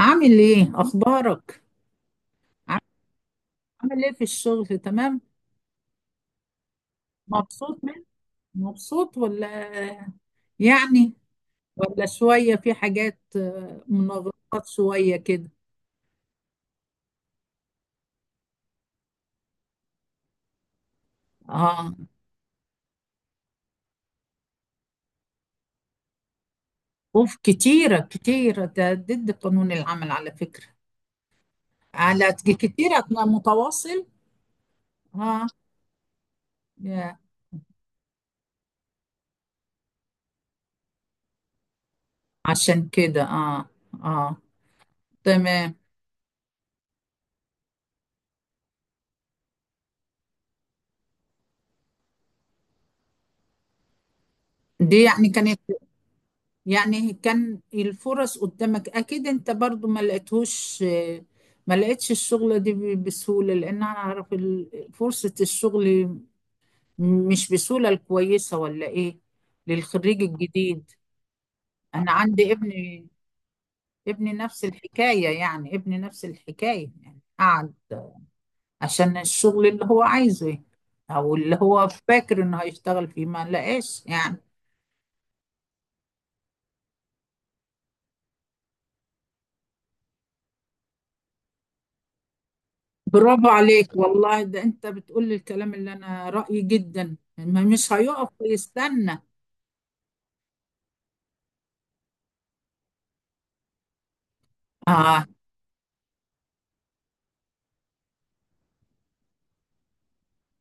عامل ايه اخبارك؟ عام- عامل ايه في الشغل؟ تمام؟ مبسوط منه؟ مبسوط ولا يعني ولا شوية في حاجات منغلقات شوية كده؟ اه. اوف، كتيرة كتيرة، ده ضد قانون العمل على فكرة. على كتيرة، أنا متواصل. اه. يا، عشان كده اه. اه، تمام. دي يعني كانت، يعني كان الفرص قدامك اكيد انت برضو ما لقيتهوش، ما لقيتش الشغلة دي بسهولة، لان انا اعرف فرصة الشغل مش بسهولة الكويسة، ولا ايه؟ للخريج الجديد. انا عندي ابني، ابني نفس الحكاية، يعني ابني نفس الحكاية يعني، قعد عشان الشغل اللي هو عايزه يعني، او اللي هو فاكر انه هيشتغل فيه ما لقاش يعني. برافو عليك والله، ده انت بتقول لي الكلام اللي انا رأيي، جدا ما مش هيقف ويستنى. اه.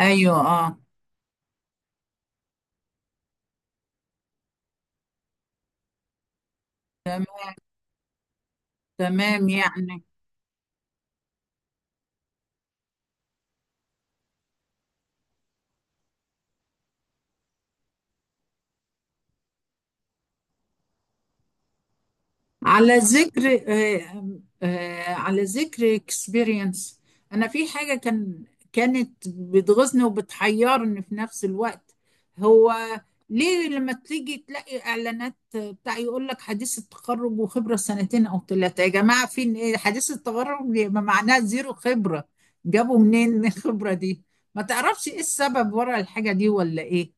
ايوه اه. تمام يعني. على ذكر على ذكر اكسبيرينس، انا في حاجه كانت بتغيظني وبتحيرني في نفس الوقت. هو ليه لما تيجي تلاقي اعلانات بتاع يقول لك حديث التخرج وخبره سنتين او ثلاثه؟ يا جماعه، فين ايه حديث التخرج؟ يبقى معناها زيرو خبره. جابوا منين الخبره دي؟ ما تعرفش ايه السبب ورا الحاجه دي ولا ايه؟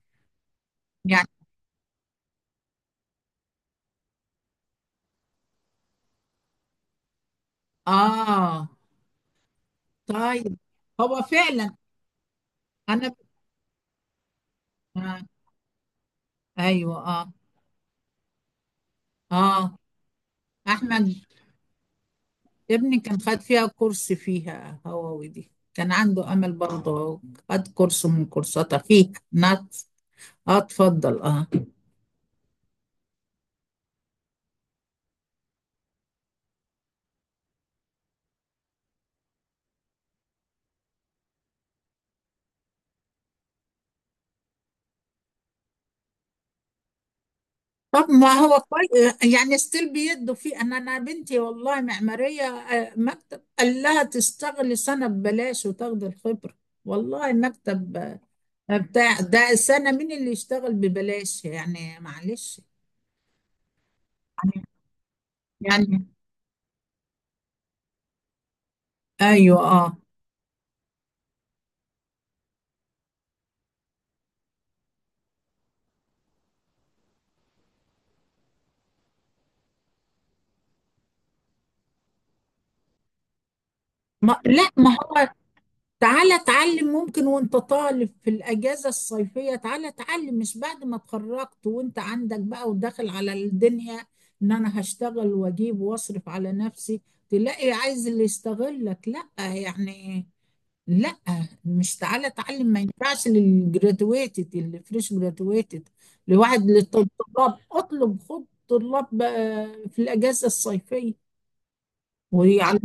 يعني اه. طيب. هو فعلا. انا. ايوه اه. اه، احمد ابني كان خد فيها كورس، فيها هووي دي كان عنده امل برضه. خد كورس من كورساتها فيه نات. اه، اتفضل اه. طب ما هو كويس يعني، ستيل بيدوا فيه. انا انا بنتي والله معماريه، مكتب قال لها تشتغلي سنه ببلاش وتاخدي الخبره. والله مكتب بتاع ده، سنه؟ مين اللي يشتغل ببلاش يعني؟ معلش. يعني يعني- ايوه اه. ما لا، ما هو تعالى اتعلم ممكن وانت طالب في الاجازه الصيفيه، تعالى اتعلم مش بعد ما اتخرجت وانت عندك بقى وداخل على الدنيا، ان انا هشتغل واجيب واصرف على نفسي، تلاقي عايز اللي يستغلك. لا يعني، لا. مش تعالى اتعلم، ما ينفعش للجرادويتد اللي فريش جرادويتد، لواحد للطلاب. اطلب خد طلاب بقى في الاجازه الصيفيه ويعلم.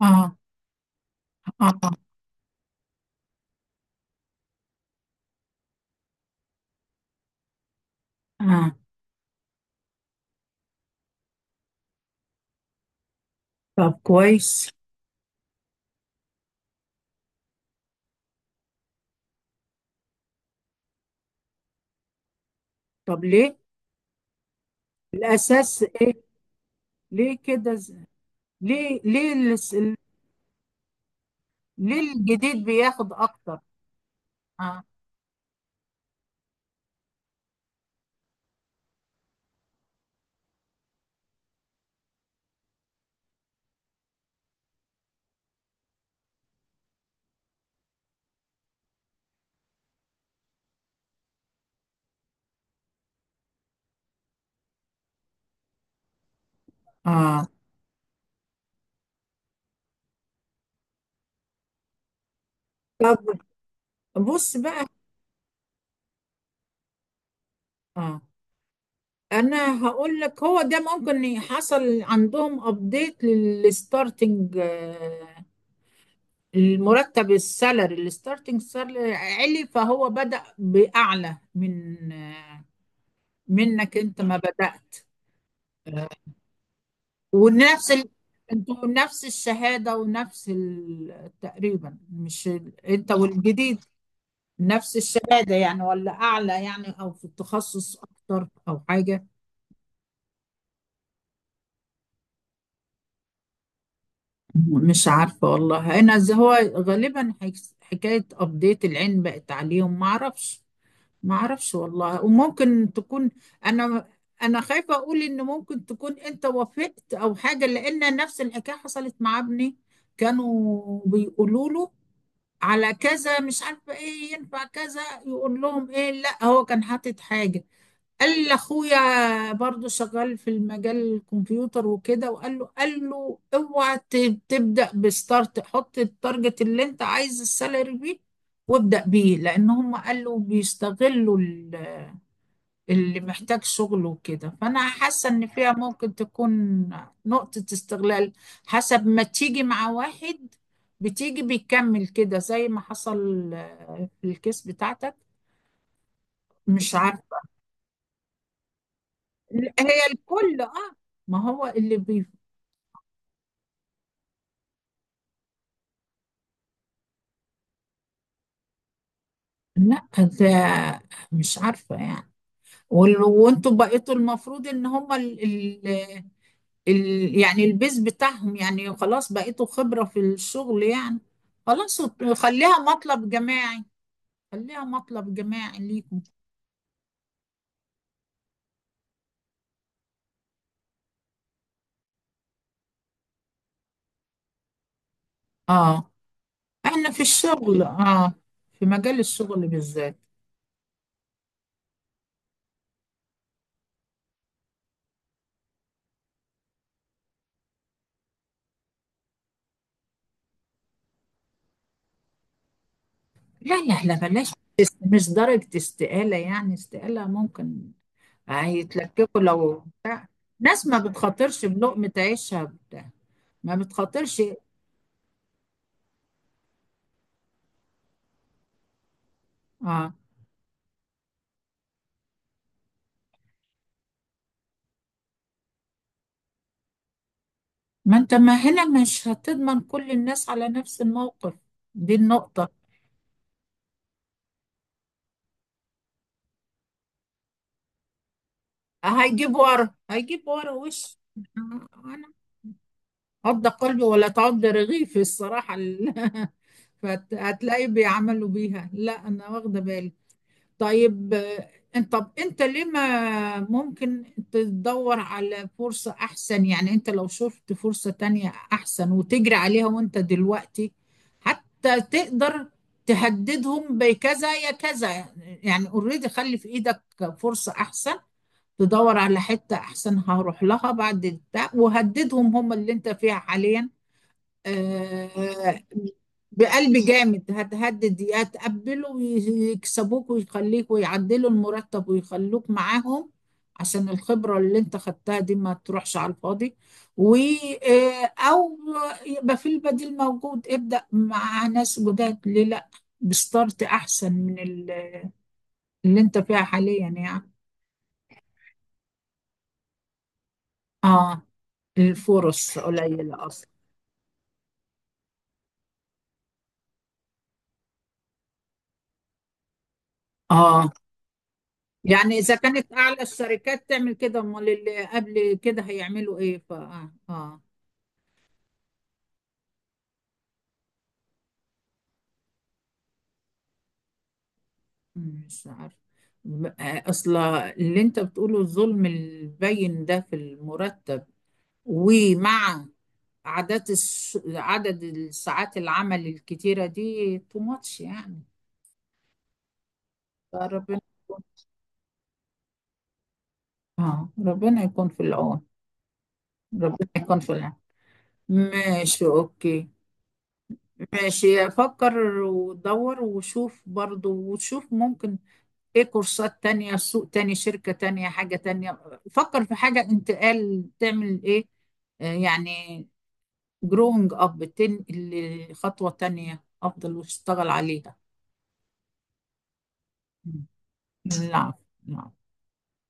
اه. اه. اه. آه. طب كويس. طب ليه؟ الأساس إيه؟ ليه كده ليه ليه ليه الجديد بياخد أكتر؟ آه. آه. طب بص بقى. آه، أنا هقول لك. هو ده ممكن حصل عندهم أبديت للستارتنج آه، المرتب السالري الستارتنج سالري، علي فهو بدأ بأعلى من منك أنت ما بدأت. ونفس ال... انتوا نفس الشهادة ونفس ال... تقريبا، مش ال... انت والجديد نفس الشهادة يعني، ولا أعلى يعني أو في التخصص أكتر أو حاجة؟ مش عارفة والله. أنا زي هو غالبا حكاية أبديت العلم بقت عليهم، ما أعرفش. ما أعرفش والله، وممكن تكون، أنا أنا خايفة أقول إن ممكن تكون أنت وافقت أو حاجة، لأن نفس الحكاية حصلت مع ابني. كانوا بيقولوا له على كذا مش عارفه ايه، ينفع كذا، يقول لهم ايه، لا هو كان حاطط حاجه. قال لاخويا برضو شغال في المجال الكمبيوتر وكده، وقال له، قال له، اوعى تبدا بستارت، حط التارجت اللي انت عايز السالري بيه، وابدا بيه، لان هم قالوا بيستغلوا اللي محتاج شغل وكده. فأنا حاسة إن فيها ممكن تكون نقطة استغلال، حسب ما تيجي مع واحد بتيجي بيكمل كده زي ما حصل في الكيس بتاعتك. مش عارفة. لا، هي الكل اه. ما هو اللي بي. لا، ده مش عارفة يعني. وانتوا بقيتوا المفروض ان هما ال... ال... ال... يعني البيز بتاعهم يعني خلاص، بقيتوا خبرة في الشغل يعني. خلاص، خليها مطلب جماعي، خليها مطلب جماعي ليكم. اه، احنا في الشغل اه، في مجال الشغل بالذات. لا لا لا، بلاش. مش درجة استقالة، يعني استقالة ممكن. هيتلككوا لو بتاع، ناس ما بتخاطرش بلقمة عيشها بتاع، ما بتخاطرش. اه. ما انت، ما هنا مش هتضمن كل الناس على نفس الموقف. دي النقطة. هيجيب ورا، هيجيب ورا وش. انا عض قلبي ولا تعض رغيفي الصراحة. فهتلاقي بيعملوا بيها، لا انا واخده بالي. طيب انت، طب انت ليه ما ممكن تدور على فرصة احسن؟ يعني انت لو شفت فرصة تانية احسن، وتجري عليها وانت دلوقتي، حتى تقدر تهددهم بكذا يا كذا يعني. اوريدي، خلي في ايدك فرصة احسن. تدور على حتة احسن، هروح لها بعد بتاع، وهددهم هم اللي انت فيها حاليا. آه، بقلب جامد هتهدد، يا تقبله ويكسبوك ويخليك ويعدلوا المرتب ويخلوك معاهم، عشان الخبرة اللي انت خدتها دي ما تروحش على الفاضي. و او يبقى في البديل موجود، ابدأ مع ناس جداد، ليه لا؟ بستارت احسن من اللي انت فيها حاليا يعني. اه. الفرص قليلة اصلا. اه. يعني إذا كانت أعلى الشركات تعمل كده، أمال اللي قبل كده هيعملوا إيه؟ ف مش عارف. أصل اللي أنت بتقوله، الظلم البين ده في المرتب، ومع عدد عدد الساعات العمل الكتيرة دي، تو ماتش يعني. فربنا، آه، ربنا يكون في العون. ربنا يكون في العون. ماشي، أوكي. ماشي. أفكر ودور وشوف برضو، وشوف ممكن ايه. كورسات تانية، سوق تاني، شركة تانية، حاجة تانية. فكر في حاجة انتقال، تعمل ايه يعني جروينج اب، تنقل لخطوة تانية افضل واشتغل عليها. مم. العفو. العفو.